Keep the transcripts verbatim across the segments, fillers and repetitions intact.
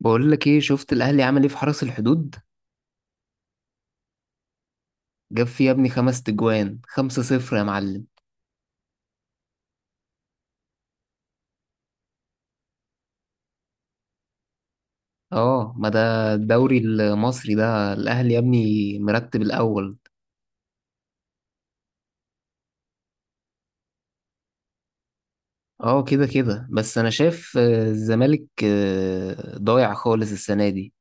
بقول لك ايه، شفت الاهلي عمل ايه في حرس الحدود؟ جاب فيه يا ابني خمس تجوان، خمسة صفر يا معلم. اه، ما ده الدوري المصري، ده الاهلي يا ابني مرتب الاول. اه كده كده، بس انا شايف آه، الزمالك آه، ضايع خالص السنة دي.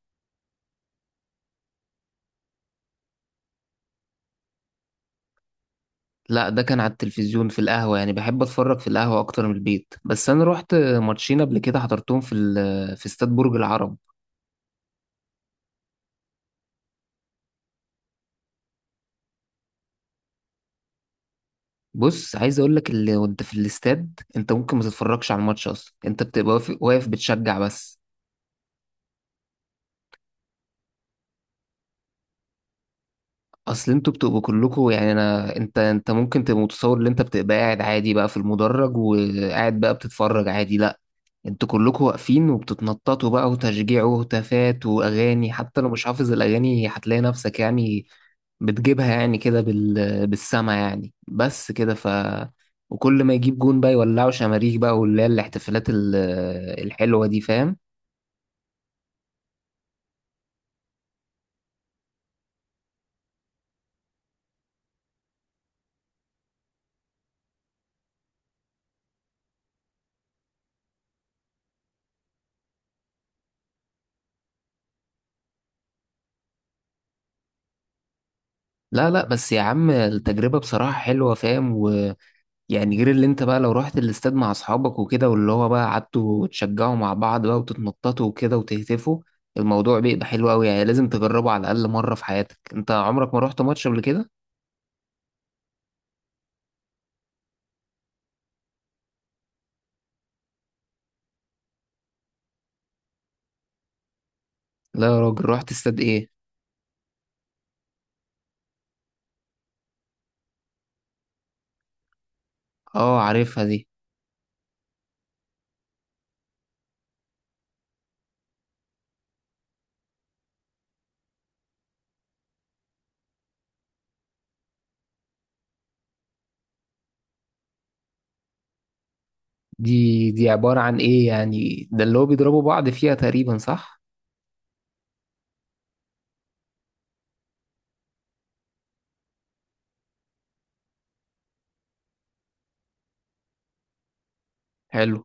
لا، ده كان على التلفزيون في القهوة، يعني بحب اتفرج في القهوة اكتر من البيت، بس انا رحت آه، ماتشين قبل كده حضرتهم في ال- آه، في استاد برج العرب. بص، عايز اقول لك اللي وانت في الاستاد انت ممكن ما تتفرجش على الماتش اصلا، انت بتبقى واقف واقف بتشجع بس. اصل انتوا بتبقوا كلكوا يعني انا، انت انت ممكن تبقى متصور ان انت بتبقى قاعد عادي بقى في المدرج وقاعد بقى بتتفرج عادي، لا، انتوا كلكوا واقفين وبتتنططوا بقى، وتشجيع وهتافات واغاني، حتى لو مش حافظ الاغاني هتلاقي نفسك يعني بتجيبها يعني كده بال... بالسما يعني، بس كده ف وكل ما يجيب جون بقى يولعوا شماريخ بقى، واللي هي الاحتفالات ال- الحلوة دي، فاهم. لا لا، بس يا عم، التجربة بصراحة حلوة فاهم و... يعني غير اللي انت بقى لو رحت الاستاد مع اصحابك وكده، واللي هو بقى قعدتوا تشجعوا مع بعض بقى وتتنططوا وكده وتهتفوا، الموضوع بيبقى حلو قوي، يعني لازم تجربه على الاقل مره في حياتك. انت عمرك ما رحت ماتش قبل كده؟ لا يا راجل، رحت استاد ايه؟ اه، عارفها دي. دي دي عباره عن ايه يعني؟ ده اللي هو بيضربوا بعض فيها تقريبا، صح؟ حلو.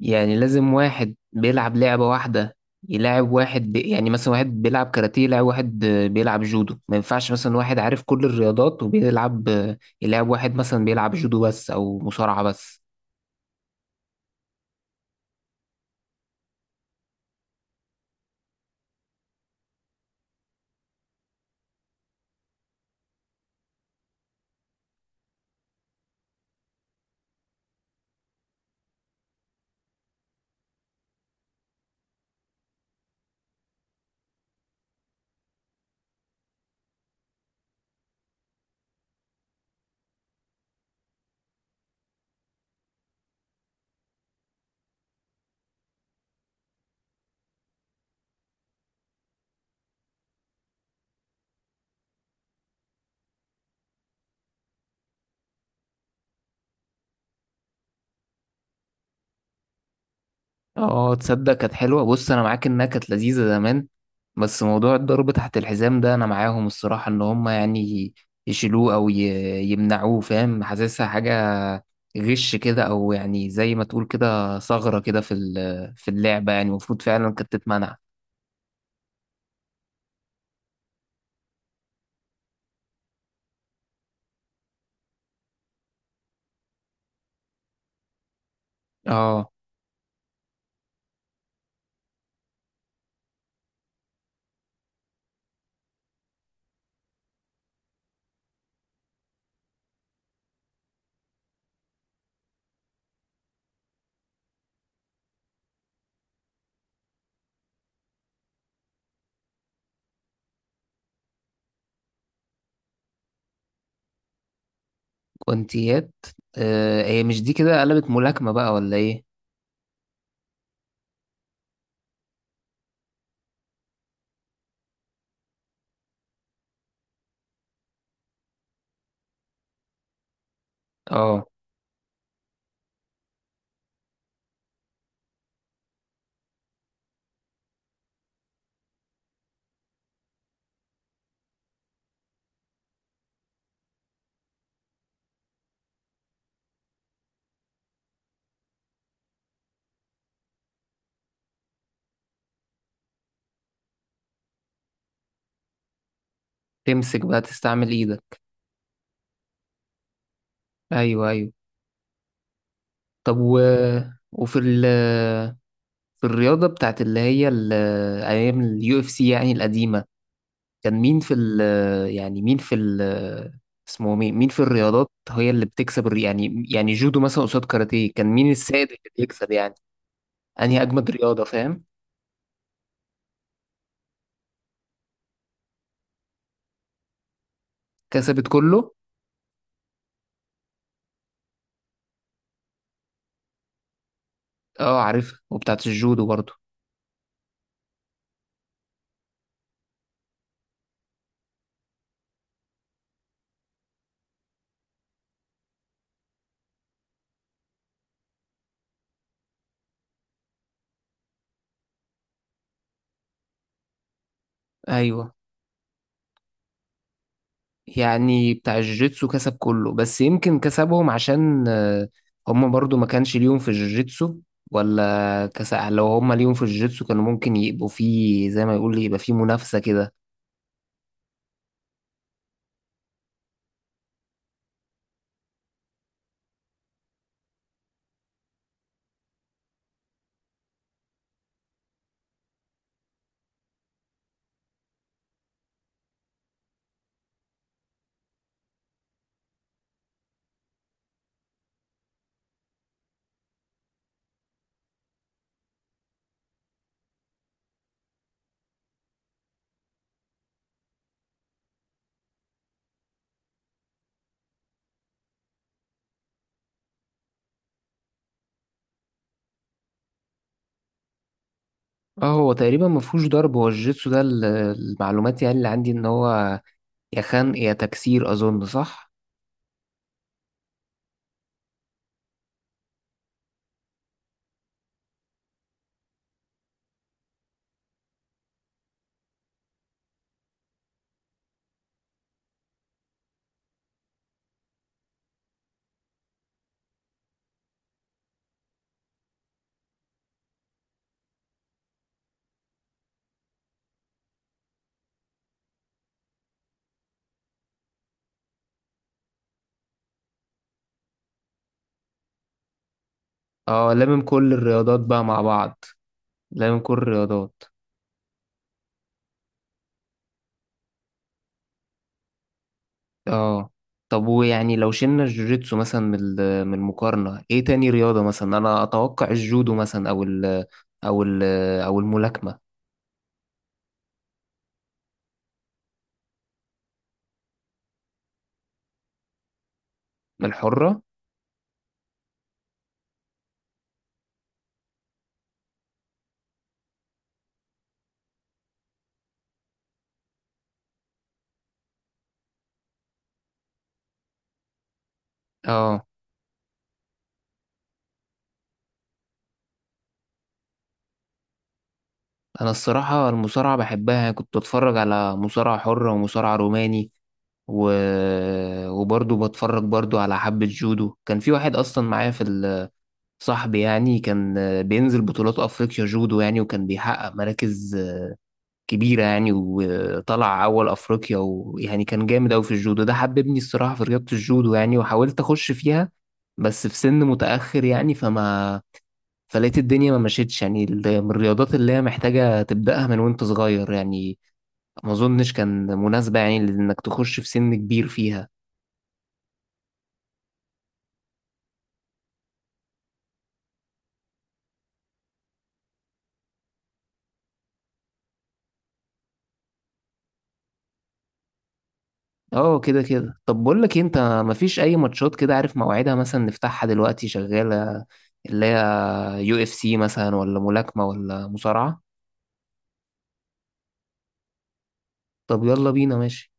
يعني لازم واحد بيلعب لعبة واحدة يلاعب واحد بي... يعني مثلا واحد بيلعب كاراتيه يلاعب واحد آه، بيلعب جودو، ما ينفعش مثلا واحد عارف كل الرياضات وبيلعب آه، يلاعب واحد مثلا بيلعب جودو بس أو مصارعة بس. اه تصدق كانت حلوة، بص انا معاك انها كانت لذيذة زمان، بس موضوع الضرب تحت الحزام ده انا معاهم الصراحة، ان هم يعني يشيلوه او ي- يمنعوه، فاهم، حاسسها حاجة غش كده، او يعني زي ما تقول كده ثغرة كده في ال- في اللعبة، يعني المفروض فعلا كانت تتمنع. اه كونتيات. آه، هي مش دي كده قلبت ملاكمة بقى ولا ايه؟ اه، تمسك بقى تستعمل ايدك. ايوه ايوه. طب و... وفي ال في الرياضة بتاعت اللي هي ال- أيام اليو اف سي يعني القديمة، كان مين في ال يعني مين في ال، اسمه مين، مين في الرياضات هي اللي بتكسب الري- يعني يعني جودو مثلا قصاد كاراتيه، كان مين السائد اللي بيكسب يعني؟ أنهي أجمد رياضة، فاهم؟ كسبت كله؟ اه عارفها، وبتاعت الجودو برضو. أيوه. يعني بتاع الجوجيتسو كسب كله، بس يمكن كسبهم عشان آه، هم برضو ما كانش ليهم في الجوجيتسو، ولا كسب؟ لو هم ليهم في الجوجيتسو كانوا ممكن يبقوا فيه زي ما يقول يبقى فيه منافسة كده. اه هو تقريبا ما فيهوش ضرب، هو الجوجيتسو ده ال- المعلومات يعني اللي عندي ان هو يا خنق يا تكسير، اظن صح. اه، لامم كل الرياضات بقى مع بعض، لامم كل الرياضات. اه. طب ويعني لو شلنا الجوجيتسو مثلا من ال- من المقارنة، ايه تاني رياضة مثلا؟ انا اتوقع الجودو مثلا، او ال او ال او الملاكمة الحرة. اه، انا الصراحة المصارعة بحبها، كنت اتفرج على مصارعة حرة ومصارعة روماني و... وبرضه بتفرج برضه على حبة جودو. كان في واحد اصلا معايا في ال- صاحبي يعني، كان بينزل بطولات افريقيا جودو يعني، وكان بيحقق مراكز كبيرة يعني، وطلع أول أفريقيا، ويعني كان جامد أوي في الجودو ده، حببني الصراحة في رياضة الجودو يعني، وحاولت أخش فيها بس في سن متأخر يعني، فما فلقيت الدنيا ما مشيتش، يعني ال- من الرياضات اللي هي محتاجة تبدأها من وأنت صغير يعني، ما أظنش كان مناسبة يعني إنك تخش في سن كبير فيها. اه كده كده. طب بقول لك إيه، انت مفيش اي ماتشات كده عارف موعدها مثلا نفتحها دلوقتي شغالة، اللي هي يو اف سي مثلا، ولا ملاكمة ولا مصارعة؟ طب يلا بينا، ماشي.